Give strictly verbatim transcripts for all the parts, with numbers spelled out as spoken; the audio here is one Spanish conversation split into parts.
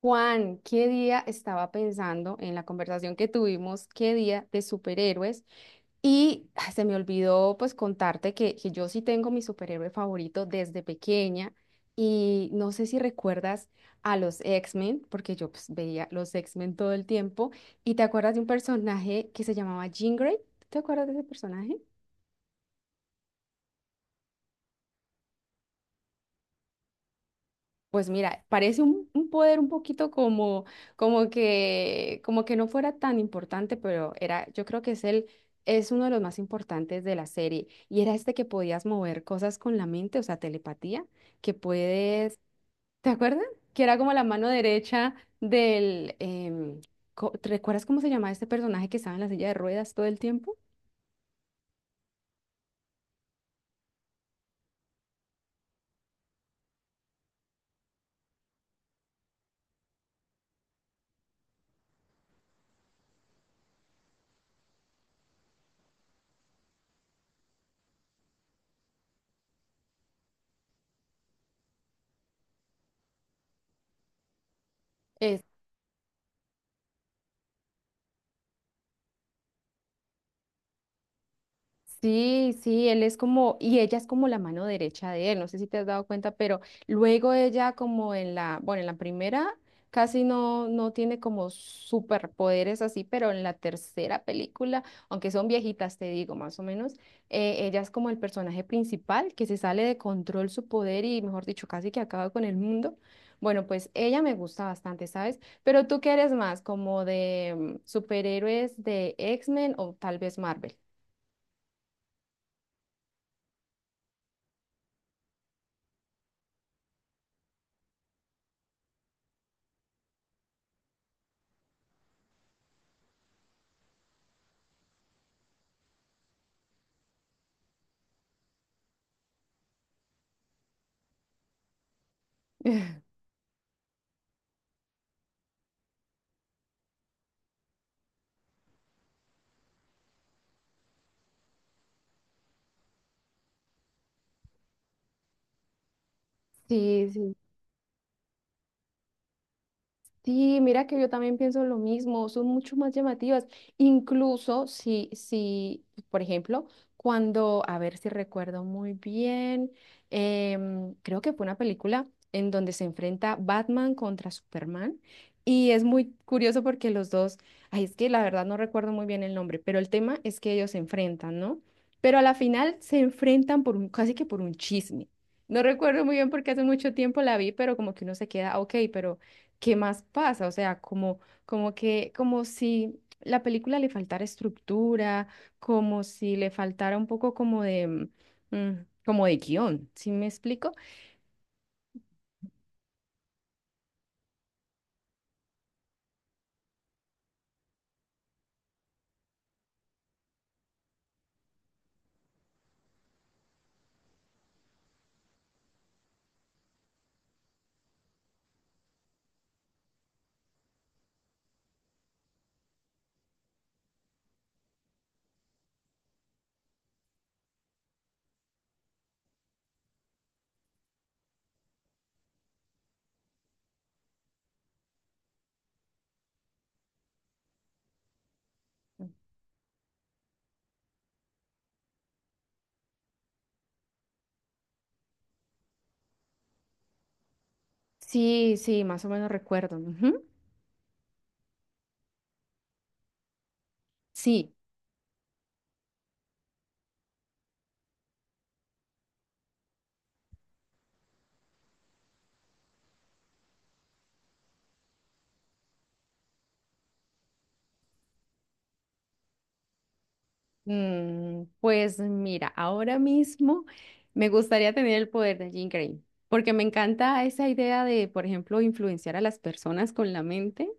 Juan, ¿qué día estaba pensando en la conversación que tuvimos, qué día de superhéroes? Y ah, se me olvidó pues contarte que, que yo sí tengo mi superhéroe favorito desde pequeña y no sé si recuerdas a los X-Men, porque yo pues, veía los X-Men todo el tiempo y te acuerdas de un personaje que se llamaba Jean Grey. ¿Te acuerdas de ese personaje? Pues mira, parece un, un poder un poquito como, como que, como que no fuera tan importante, pero era, yo creo que es el, es uno de los más importantes de la serie. Y era este que podías mover cosas con la mente, o sea, telepatía, que puedes, ¿te acuerdas? Que era como la mano derecha del, em, co- ¿Te recuerdas cómo se llamaba este personaje que estaba en la silla de ruedas todo el tiempo? Sí, sí, él es como, y ella es como la mano derecha de él, no sé si te has dado cuenta, pero luego ella como en la, bueno, en la primera casi no, no tiene como superpoderes así, pero en la tercera película, aunque son viejitas, te digo, más o menos, eh, ella es como el personaje principal que se sale de control su poder y, mejor dicho, casi que acaba con el mundo. Bueno, pues ella me gusta bastante, ¿sabes? Pero tú qué eres más, como de mm, superhéroes de X-Men o tal vez Marvel. Sí, sí, sí, mira que yo también pienso lo mismo, son mucho más llamativas, incluso si, si, por ejemplo, cuando, a ver si recuerdo muy bien, em, creo que fue una película en donde se enfrenta Batman contra Superman y es muy curioso porque los dos, ay, es que la verdad no recuerdo muy bien el nombre, pero el tema es que ellos se enfrentan, ¿no? Pero a la final se enfrentan por un, casi que por un chisme. No recuerdo muy bien porque hace mucho tiempo la vi, pero como que uno se queda, ok, pero ¿qué más pasa? O sea, como, como que, como si la película le faltara estructura, como si le faltara un poco como de, mm, Como de guión, ¿sí me explico? Sí, sí, más o menos recuerdo. Ujú. Sí. Mm, pues mira, ahora mismo me gustaría tener el poder de Jean Grey, porque me encanta esa idea de, por ejemplo, influenciar a las personas con la mente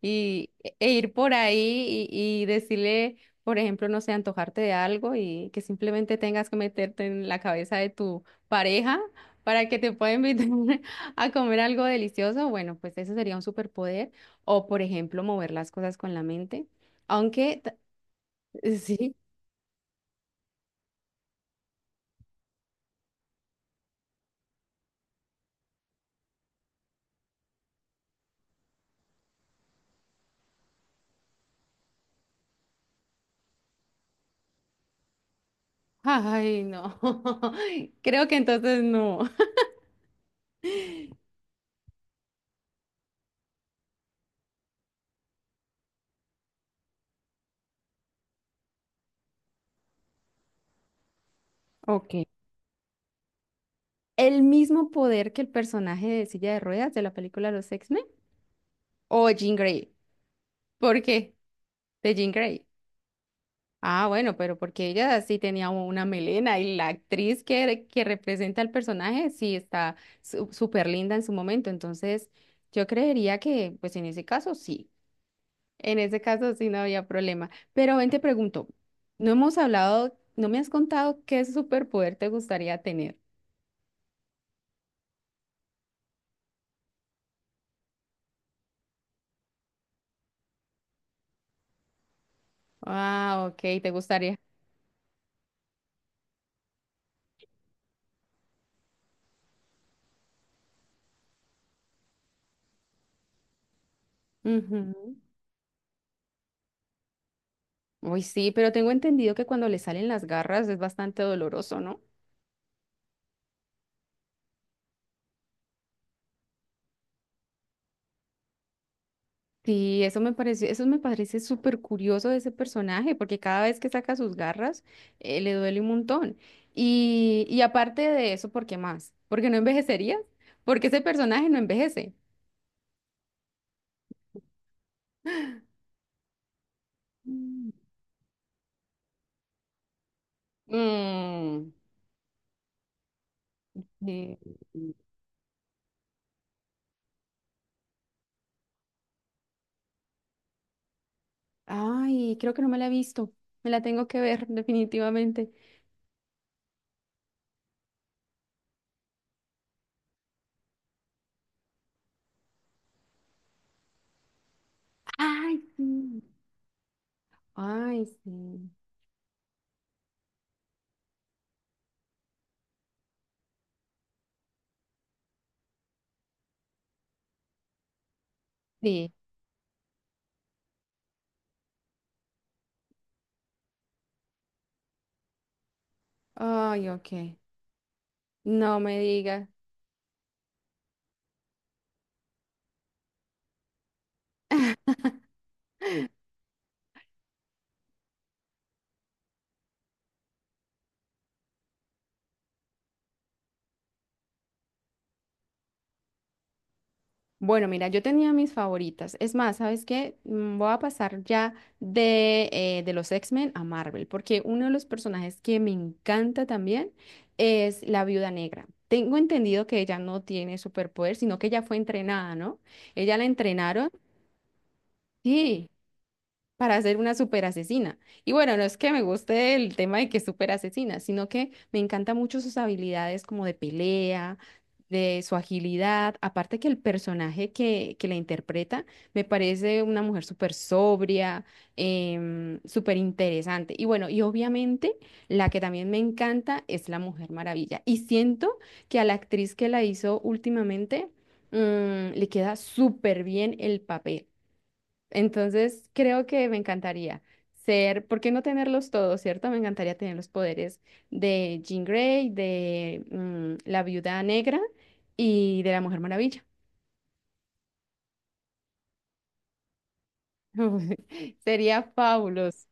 y, e e ir por ahí y, y decirle, por ejemplo, no sé, antojarte de algo y que simplemente tengas que meterte en la cabeza de tu pareja para que te pueda invitar a comer algo delicioso. Bueno, pues ese sería un superpoder. O, por ejemplo, mover las cosas con la mente. Aunque, ta- sí. Ay, no. Creo que entonces no. Ok. ¿El mismo poder que el personaje de silla de ruedas de la película Los X-Men? ¿O Jean Grey? ¿Por qué? De Jean Grey. Ah, bueno, pero porque ella sí tenía una melena y la actriz que, que representa al personaje sí está su- súper linda en su momento. Entonces, yo creería que, pues en ese caso sí. En ese caso sí no había problema. Pero ven, te pregunto, no hemos hablado, no me has contado qué superpoder te gustaría tener. Ah, ok, te gustaría. Ujú. Uy, sí, pero tengo entendido que cuando le salen las garras es bastante doloroso, ¿no? Sí, eso me pareció, eso me parece súper curioso de ese personaje, porque cada vez que saca sus garras, eh, le duele un montón. Y, y aparte de eso, ¿por qué más? ¿Porque no envejecería? Porque ese personaje no envejece. Mm. Mm, eh, Ay, creo que no me la he visto. Me la tengo que ver, definitivamente. Ay, sí. Ay, sí. Sí. Ay, ok. No me digas. Bueno, mira, yo tenía mis favoritas. Es más, ¿sabes qué? Mm, Voy a pasar ya de, eh, de los X-Men a Marvel, porque uno de los personajes que me encanta también es la Viuda Negra. Tengo entendido que ella no tiene superpoder, sino que ella fue entrenada, ¿no? Ella la entrenaron. Sí. Para ser una super asesina. Y bueno, no es que me guste el tema de que es super asesina, sino que me encanta mucho sus habilidades como de pelea, de su agilidad. Aparte que el personaje que, que la interpreta me parece una mujer súper sobria, em, súper interesante. Y bueno, y obviamente la que también me encanta es la Mujer Maravilla. Y siento que a la actriz que la hizo últimamente, mm, le queda súper bien el papel. Entonces, creo que me encantaría ser, ¿por qué no tenerlos todos, cierto? Me encantaría tener los poderes de Jean Grey, de mm, la Viuda Negra y de la Mujer Maravilla. Sería fabuloso.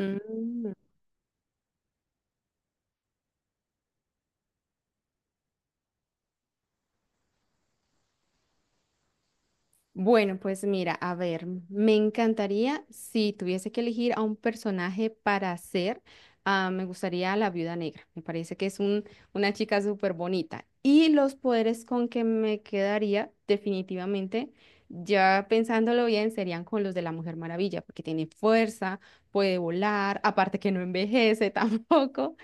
Mm. Bueno, pues mira, a ver, me encantaría si tuviese que elegir a un personaje para hacer, ah, me gustaría la Viuda Negra. Me parece que es un, una chica súper bonita. Y los poderes con que me quedaría, definitivamente, ya pensándolo bien, serían con los de la Mujer Maravilla, porque tiene fuerza, puede volar, aparte que no envejece tampoco.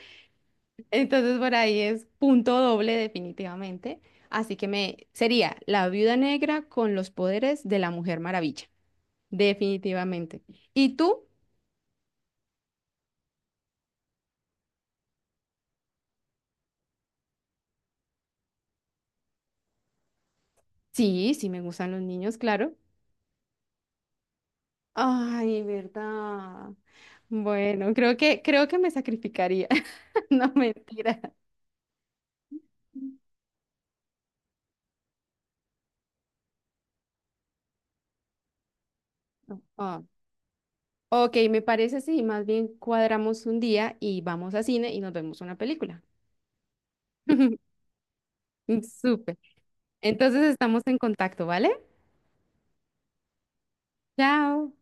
Entonces por ahí es punto doble definitivamente. Así que me sería la Viuda Negra con los poderes de la Mujer Maravilla, definitivamente. ¿Y tú? Sí, sí me gustan los niños, claro. Ay, verdad. Bueno, creo que creo que me sacrificaría. No, mentira. No. Ah, ok, me parece sí, más bien cuadramos un día y vamos a cine y nos vemos una película. Súper. Entonces estamos en contacto, ¿vale? Chao.